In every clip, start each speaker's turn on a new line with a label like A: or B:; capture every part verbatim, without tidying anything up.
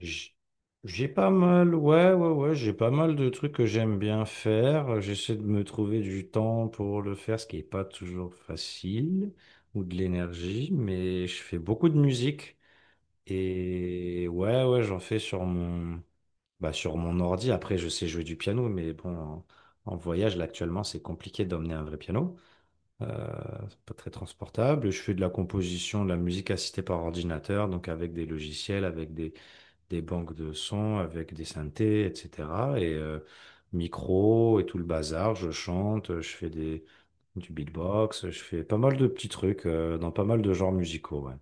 A: J- J'ai pas mal, ouais, ouais, ouais, j'ai pas mal de trucs que j'aime bien faire. J'essaie de me trouver du temps pour le faire, ce qui n'est pas toujours facile, ou de l'énergie, mais je fais beaucoup de musique. Et ouais, ouais, j'en fais sur mon, bah, sur mon ordi. Après, je sais jouer du piano, mais bon, en, en voyage, là, actuellement, c'est compliqué d'emmener un vrai piano. Euh, c'est pas très transportable. Je fais de la composition, de la musique assistée par ordinateur, donc avec des logiciels, avec des des banques de sons avec des synthés, et cetera. Et euh, Micro et tout le bazar, je chante, je fais des, du beatbox, je fais pas mal de petits trucs euh, dans pas mal de genres musicaux. Ouais.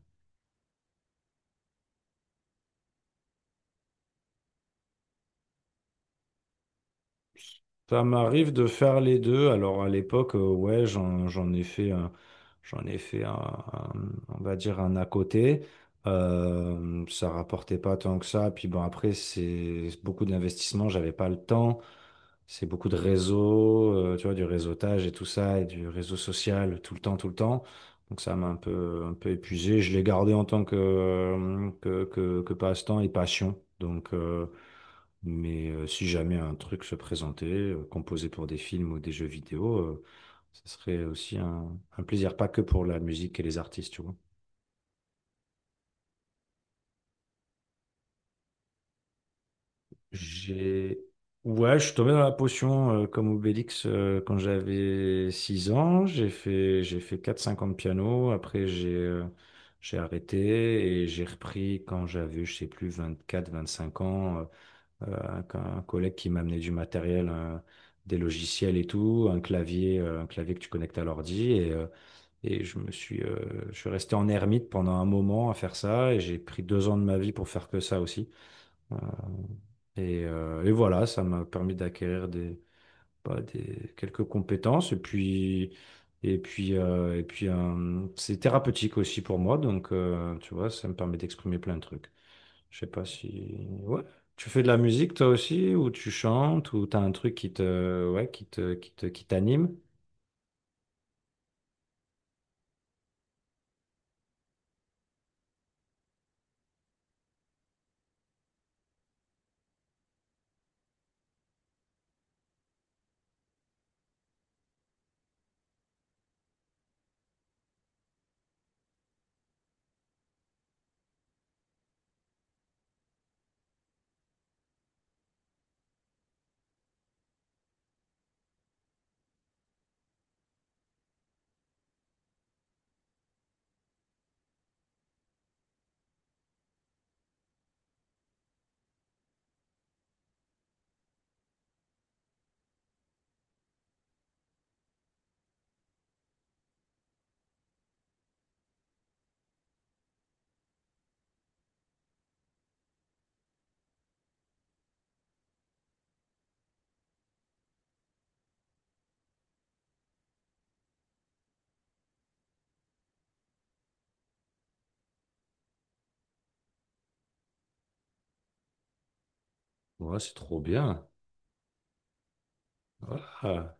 A: Ça m'arrive de faire les deux. Alors à l'époque, euh, ouais, j'en, j'en ai fait un, j'en ai fait un, un- on va dire un à côté. Euh, ça rapportait pas tant que ça. Puis bon, après, c'est beaucoup d'investissements, j'avais pas le temps. C'est beaucoup de réseau, euh, tu vois, du réseautage et tout ça, et du réseau social tout le temps, tout le temps. Donc ça m'a un peu, un peu épuisé. Je l'ai gardé en tant que, euh, que, que, que passe-temps et passion. Donc, euh, mais euh, si jamais un truc se présentait, euh, composé pour des films ou des jeux vidéo, euh, ce serait aussi un, un plaisir, pas que pour la musique et les artistes, tu vois. J'ai... Ouais, je suis tombé dans la potion euh, comme Obélix euh, quand j'avais six ans. J'ai fait, j'ai fait quatre, cinq ans de piano. Après, j'ai euh, j'ai arrêté et j'ai repris quand j'avais, je sais plus, vingt-quatre, vingt-cinq ans. euh, euh, un, un collègue qui m'a amené du matériel, un- des logiciels et tout, un clavier, euh, un clavier que tu connectes à l'ordi. Et, euh, et je me suis, euh, je suis resté en ermite pendant un moment à faire ça. Et j'ai pris deux ans de ma vie pour faire que ça aussi. Euh, Et, euh, et voilà, ça m'a permis d'acquérir des, bah, des, quelques compétences. Et puis, et puis, euh, et puis euh, c'est thérapeutique aussi pour moi. Donc, euh, tu vois, ça me permet d'exprimer plein de trucs. Je sais pas si... Ouais. Tu fais de la musique toi aussi, ou tu chantes, ou t'as un truc qui te... Ouais, qui te... qui te... qui t'anime? Ouais, c'est trop bien. Voilà.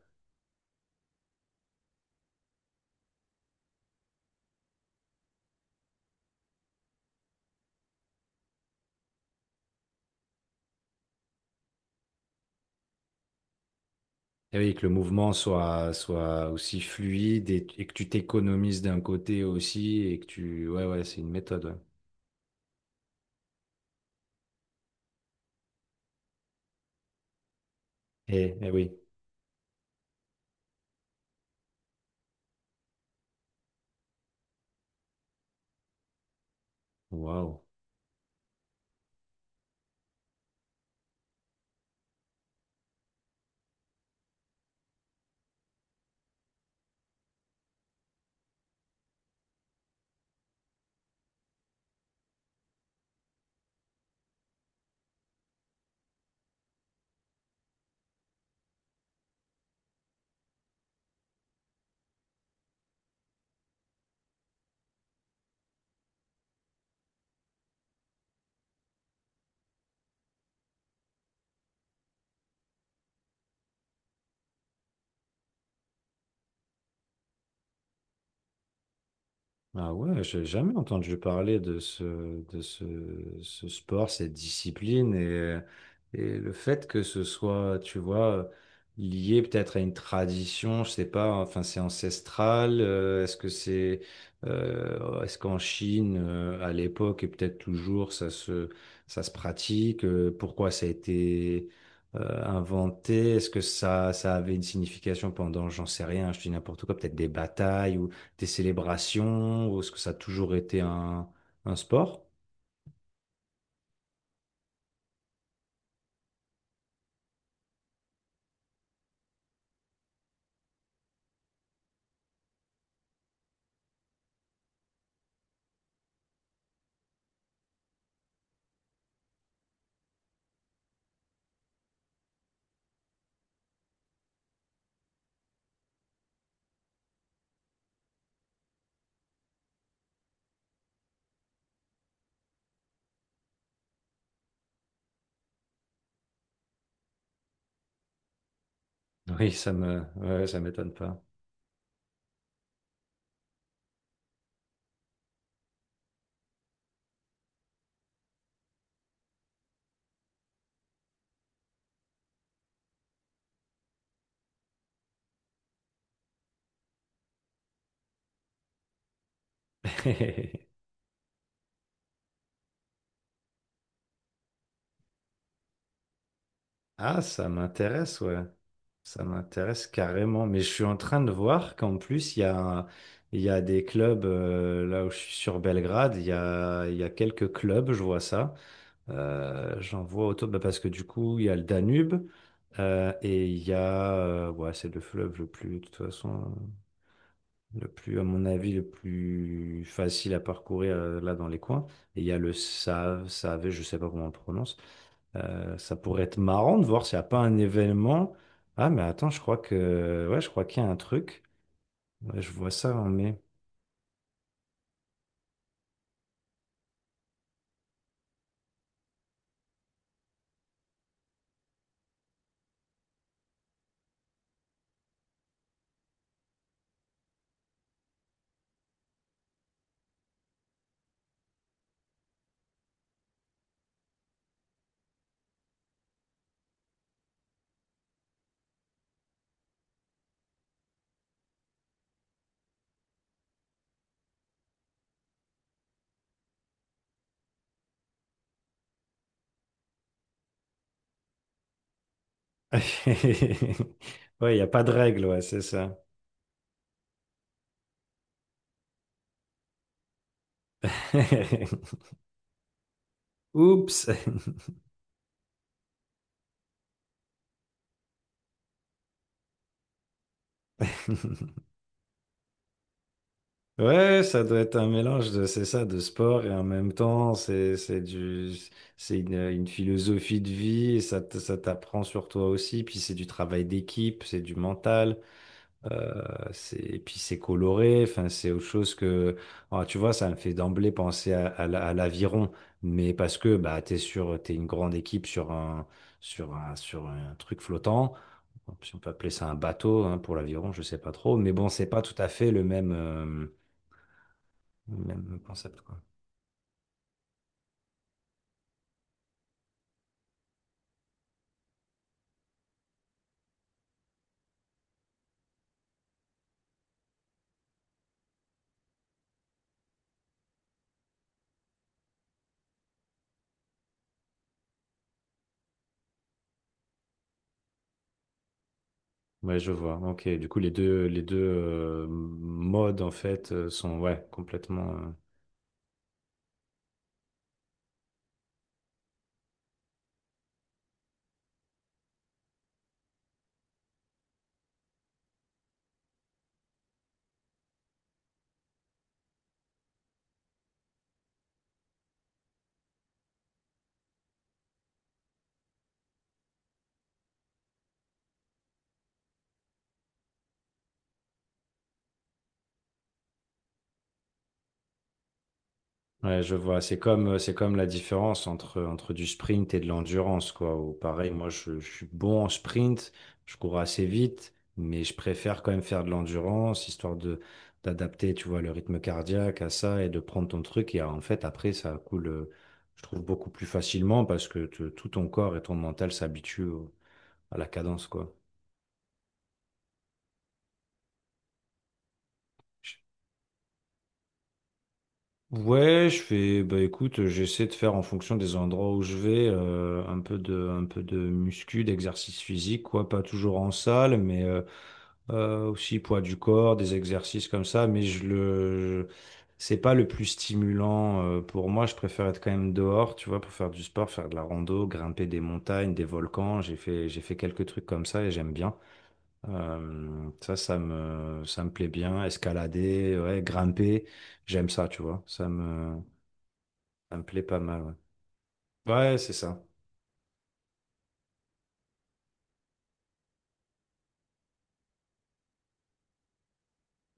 A: Et oui, que le mouvement soit, soit aussi fluide et, et que tu t'économises d'un côté aussi et que tu... Ouais, ouais, c'est une méthode. Ouais. Eh, eh oui. Waouh. Ah ouais, j'ai jamais entendu parler de ce, de ce, ce sport, cette discipline et, et le fait que ce soit, tu vois, lié peut-être à une tradition, je sais pas, enfin c'est ancestral, euh, est-ce que c'est, euh, est-ce qu'en Chine, euh, à l'époque et peut-être toujours, ça se, ça se pratique, euh, pourquoi ça a été, euh, inventé, est-ce que ça, ça avait une signification pendant, j'en sais rien, je dis n'importe quoi, peut-être des batailles tes célébrations ou est-ce que ça a toujours été un, un sport? Oui, ça me, ouais, ça m'étonne pas. Ah, ça m'intéresse, ouais. Ça m'intéresse carrément. Mais je suis en train de voir qu'en plus, il y a, il y a des clubs, euh, là où je suis sur Belgrade, il y a, il y a quelques clubs, je vois ça. Euh, j'en vois autour, bah, parce que du coup, il y a le Danube, euh, et il y a, euh, ouais, c'est le fleuve le plus, de toute façon. Le plus, à mon avis, le plus facile à parcourir euh, là dans les coins. Et il y a le Save, Save, je sais pas comment on le prononce. Euh, ça pourrait être marrant de voir s'il n'y a pas un événement. Ah, mais attends, je crois que, ouais, je crois qu'il y a un truc. Ouais, je vois ça en mai. Ouais, il n'y a pas de règle, ouais, c'est ça. Oups. Ouais, ça doit être un mélange de, c'est ça, de sport et en même temps, c'est, c'est du, c'est une, une philosophie de vie et ça, t- ça t'apprend sur toi aussi. Puis c'est du travail d'équipe, c'est du mental, euh, c'est, et puis c'est coloré. Enfin, c'est autre chose que, ah, tu vois, ça me fait d'emblée penser à, à la- à l'aviron, mais parce que bah t'es sur, t'es une grande équipe sur un, sur un, sur un truc flottant. Bon, si on peut appeler ça un bateau hein, pour l'aviron, je sais pas trop, mais bon, c'est pas tout à fait le même. Euh, même concept, quoi. Ouais, je vois. Ok, du coup, les deux, les deux euh, modes, en fait, euh, sont ouais, complètement. euh, Ouais, je vois. C'est comme, euh, c'est comme la différence entre, entre du sprint et de l'endurance, quoi. Ou pareil, moi, je, je suis bon en sprint, je cours assez vite, mais je préfère quand même faire de l'endurance, histoire de d'adapter, tu vois, le rythme cardiaque à ça et de prendre ton truc. Et euh, en fait, après, ça coule, euh, je trouve, beaucoup plus facilement parce que te- tout ton corps et ton mental s'habituent au- à la cadence, quoi. Ouais, je fais, bah écoute, j'essaie de faire en fonction des endroits où je vais, euh, un peu de, un peu de muscu, d'exercice physique, quoi, pas toujours en salle, mais euh, euh, aussi poids du corps, des exercices comme ça, mais je le, c'est pas le plus stimulant euh, pour moi, je préfère être quand même dehors, tu vois, pour faire du sport, faire de la rando, grimper des montagnes, des volcans, j'ai fait, j'ai fait quelques trucs comme ça et j'aime bien. Euh, ça, ça me, ça me plaît bien, escalader, ouais, grimper, j'aime ça, tu vois, ça me ça me plaît pas mal, ouais. Ouais, c'est ça.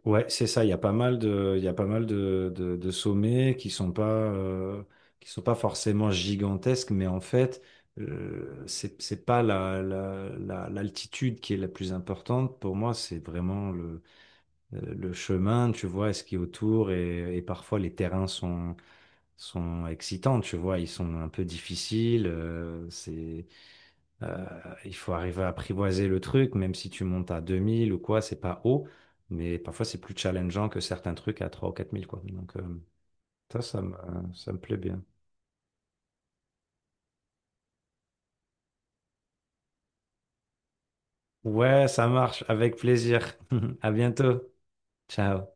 A: Ouais, c'est ça. Il y a pas mal de, il y a pas mal de, de, de sommets qui sont pas, euh, qui sont pas forcément gigantesques, mais en fait, euh, c'est, c'est pas la, la, la- l'altitude qui est la plus importante. Pour moi, c'est vraiment le, euh, le chemin, tu vois, ce qui est autour et, et parfois les terrains sont, sont excitants, tu vois, ils sont un peu difficiles. euh, c'est, Euh, il faut arriver à apprivoiser le truc, même si tu montes à deux mille ou quoi, c'est pas haut, mais parfois c'est plus challengeant que certains trucs à trois ou quatre mille, quoi. Donc, euh, ça, ça me, euh, ça me plaît bien. Ouais, ça marche, avec plaisir. À bientôt. Ciao.